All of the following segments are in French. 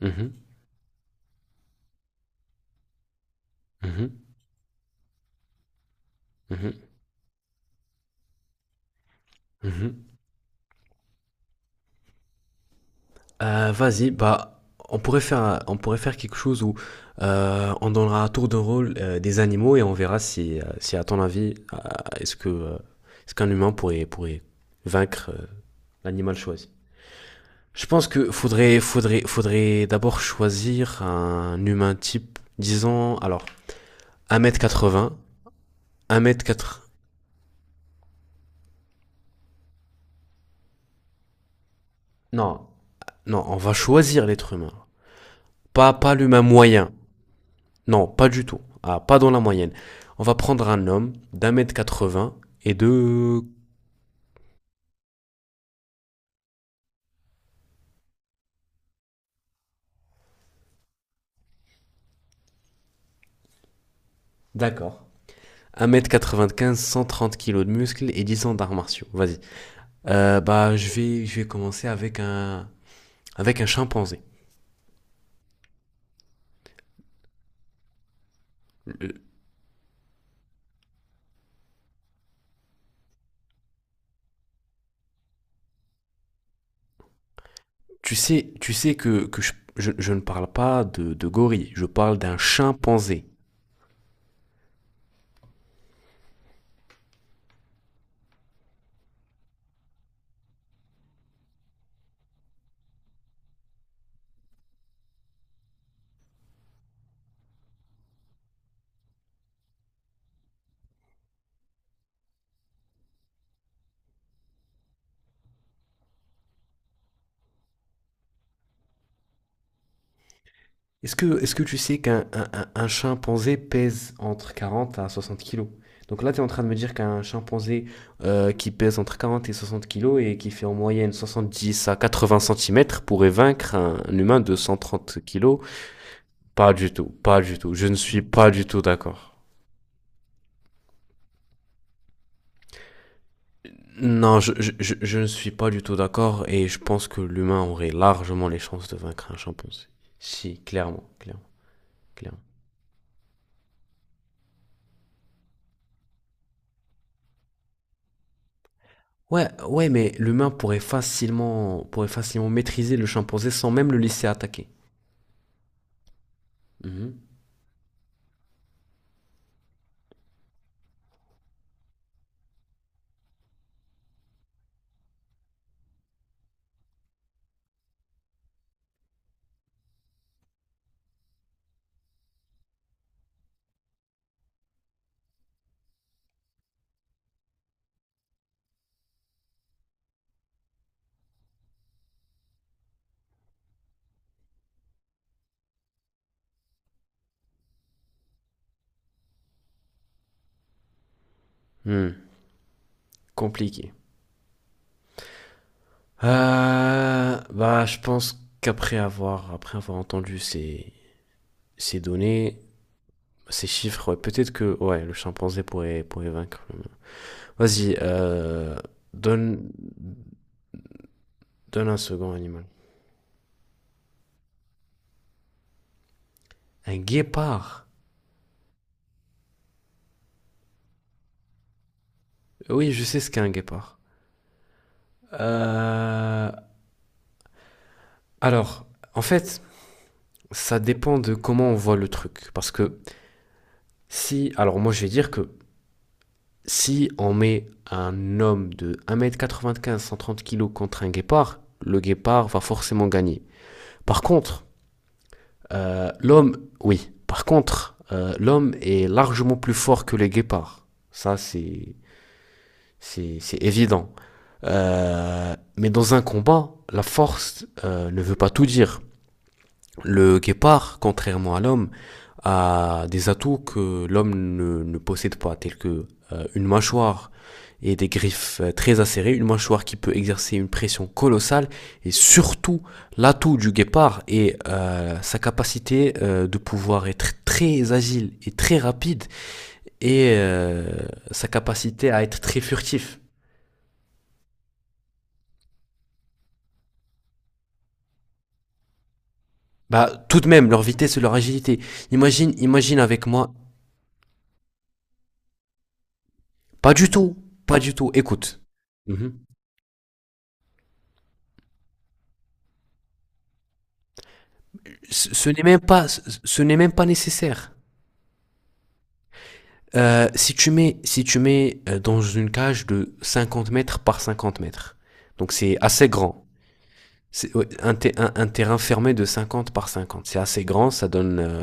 Mhm, mhm, mhm, mhm. Vas-y, bah, on pourrait faire, on pourrait faire quelque chose où on donnera à tour de rôle des animaux et on verra si, si à ton avis, est-ce que, est-ce qu'un humain pourrait vaincre l'animal choisi. Je pense que faudrait d'abord choisir un humain type, disons, alors, 1m80, 1m4, non, non, on va choisir l'être humain, pas l'humain moyen. Non, pas du tout. Ah, pas dans la moyenne. On va prendre un homme d'un mètre 80 et de... D'accord. 1m95, 130 kilos de muscles et 10 ans d'arts martiaux. Vas-y. Bah, je vais commencer avec un, chimpanzé. Euh, tu sais que je ne parle pas de gorille, je parle d'un chimpanzé. Est-ce que tu sais qu'un un chimpanzé pèse entre 40 à 60 kilos? Donc là, tu es en train de me dire qu'un chimpanzé qui pèse entre 40 et 60 kilos et qui fait en moyenne 70 à 80 centimètres pourrait vaincre un humain de 130 kilos? Pas du tout, pas du tout. Je ne suis pas du tout d'accord. Non, je ne suis pas du tout d'accord et je pense que l'humain aurait largement les chances de vaincre un chimpanzé. Si, clairement, clairement, clairement. Ouais, ouais, mais l'humain pourrait facilement maîtriser le chimpanzé sans même le laisser attaquer. Mhm. Hmm. Compliqué. Bah, je pense qu'après avoir entendu ces, données, ces chiffres, ouais, peut-être que, ouais, le chimpanzé pourrait vaincre l'humain. Vas-y, donne, donne un second animal. Un guépard. Oui, je sais ce qu'est un guépard. Euh, alors, en fait, ça dépend de comment on voit le truc, parce que si, alors moi je vais dire que si on met un homme de 1m95 cent trente kilos contre un guépard, le guépard va forcément gagner. Par contre, l'homme, oui, par contre, l'homme est largement plus fort que les guépards. Ça, c'est évident. Mais dans un combat, la force ne veut pas tout dire. Le guépard, contrairement à l'homme, a des atouts que l'homme ne possède pas, tels que une mâchoire et des griffes très acérées, une mâchoire qui peut exercer une pression colossale, et surtout l'atout du guépard est sa capacité de pouvoir être très agile et très rapide, et sa capacité à être très furtif. Bah, tout de même, leur vitesse et leur agilité. Imagine avec moi. Pas du tout, pas du tout. Écoute. Mhm. Ce n'est même pas nécessaire. Si tu mets, dans une cage de 50 mètres par 50 mètres, donc c'est assez grand. C'est ouais, un terrain fermé de 50 par 50. C'est assez grand, ça donne, euh,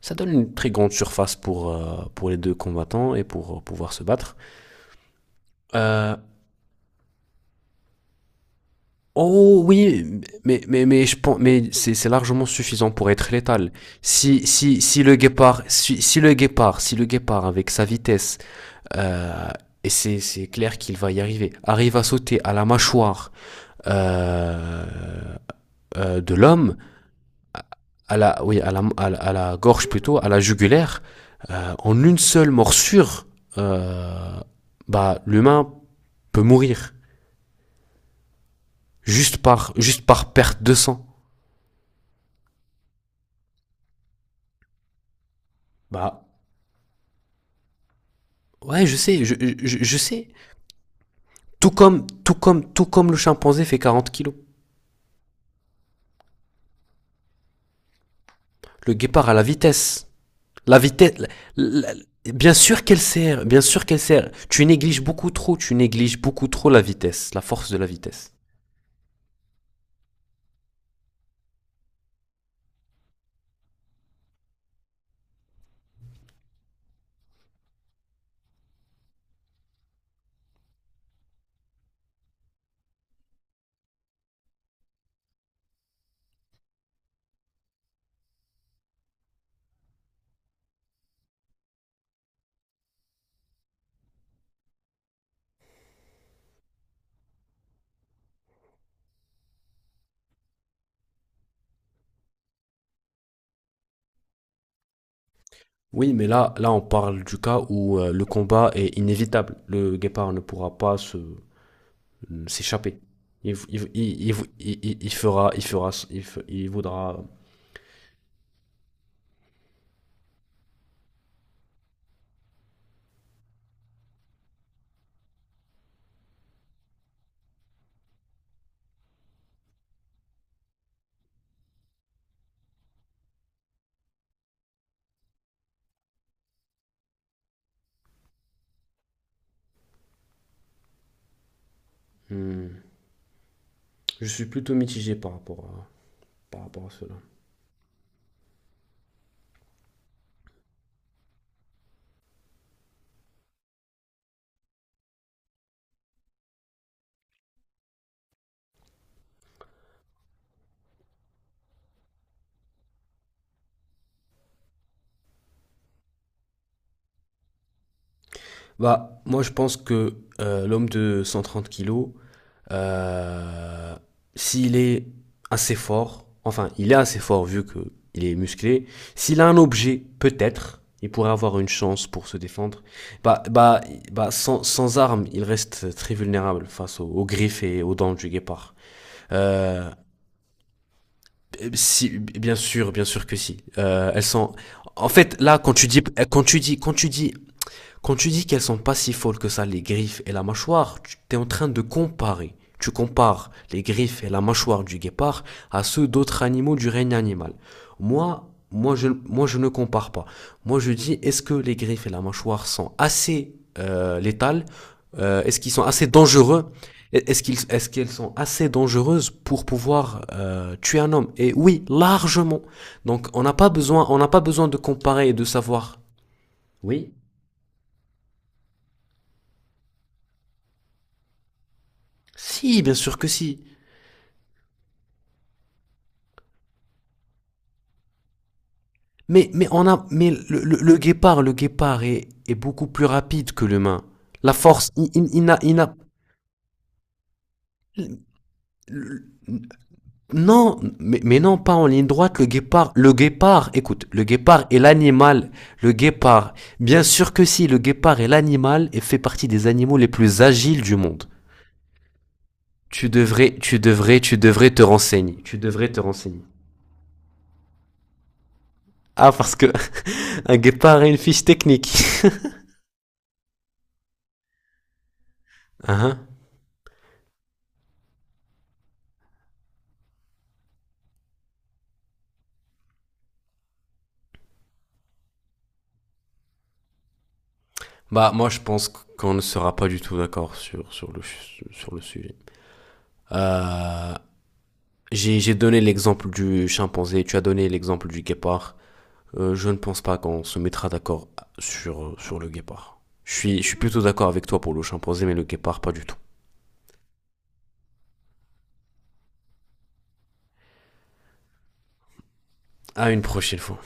ça donne une très grande surface pour, pour les deux combattants et pour pouvoir se battre. Euh, oh oui, mais je pense, mais c'est largement suffisant pour être létal. Si, si, si le guépard, si, si le Si le guépard avec sa vitesse. Euh, et c'est, clair qu'il va y arriver. Arrive à sauter à la mâchoire euh, de l'homme, oui, à la gorge plutôt, à la jugulaire, en une seule morsure, euh, bah, l'humain peut mourir juste par, perte de sang. Bah, ouais, je sais. Tout comme le chimpanzé fait 40 kilos. Le guépard à la vitesse. La vitesse, la- bien sûr qu'elle sert, bien sûr qu'elle sert. Tu négliges beaucoup trop la vitesse, la force de la vitesse. Oui, mais là, on parle du cas où le combat est inévitable. Le guépard ne pourra pas se s'échapper. Il, il, il, il, il fera, il voudra. Hmm. Je suis plutôt mitigé par rapport à cela. Bah, moi, je pense que l'homme de 130 kilos, euh, s'il est assez fort, enfin, il est assez fort vu que il est musclé, s'il a un objet, peut-être, il pourrait avoir une chance pour se défendre. Bah, bah, bah, sans armes, il reste très vulnérable face aux griffes et aux dents du guépard. Euh, si, bien sûr que si. Elles sont. En fait, là, quand tu dis qu'elles sont pas si folles que ça, les griffes et la mâchoire, tu es en train de comparer. Tu compares les griffes et la mâchoire du guépard à ceux d'autres animaux du règne animal. Moi, je ne compare pas. Moi, je dis, est-ce que les griffes et la mâchoire sont assez létales? Est-ce qu'ils sont assez dangereux? Est-ce qu'elles sont assez dangereuses pour pouvoir tuer un homme? Et oui, largement. Donc, on n'a pas besoin de comparer et de savoir. Oui. Si, bien sûr que si. Mais le guépard est beaucoup plus rapide que l'humain. La force, il n'a, Non, mais non, pas en ligne droite, le guépard, écoute, le guépard est l'animal, le guépard, bien sûr que si, le guépard est l'animal et fait partie des animaux les plus agiles du monde. Tu devrais te renseigner. Ah, parce que un guépard a une fiche technique. Ah, hein. Bah, moi, je pense qu'on ne sera pas du tout d'accord sur le sujet. Euh, j'ai donné l'exemple du chimpanzé, tu as donné l'exemple du guépard. Je ne pense pas qu'on se mettra d'accord sur le guépard. Je suis plutôt d'accord avec toi pour le chimpanzé, mais le guépard, pas du tout. À une prochaine fois.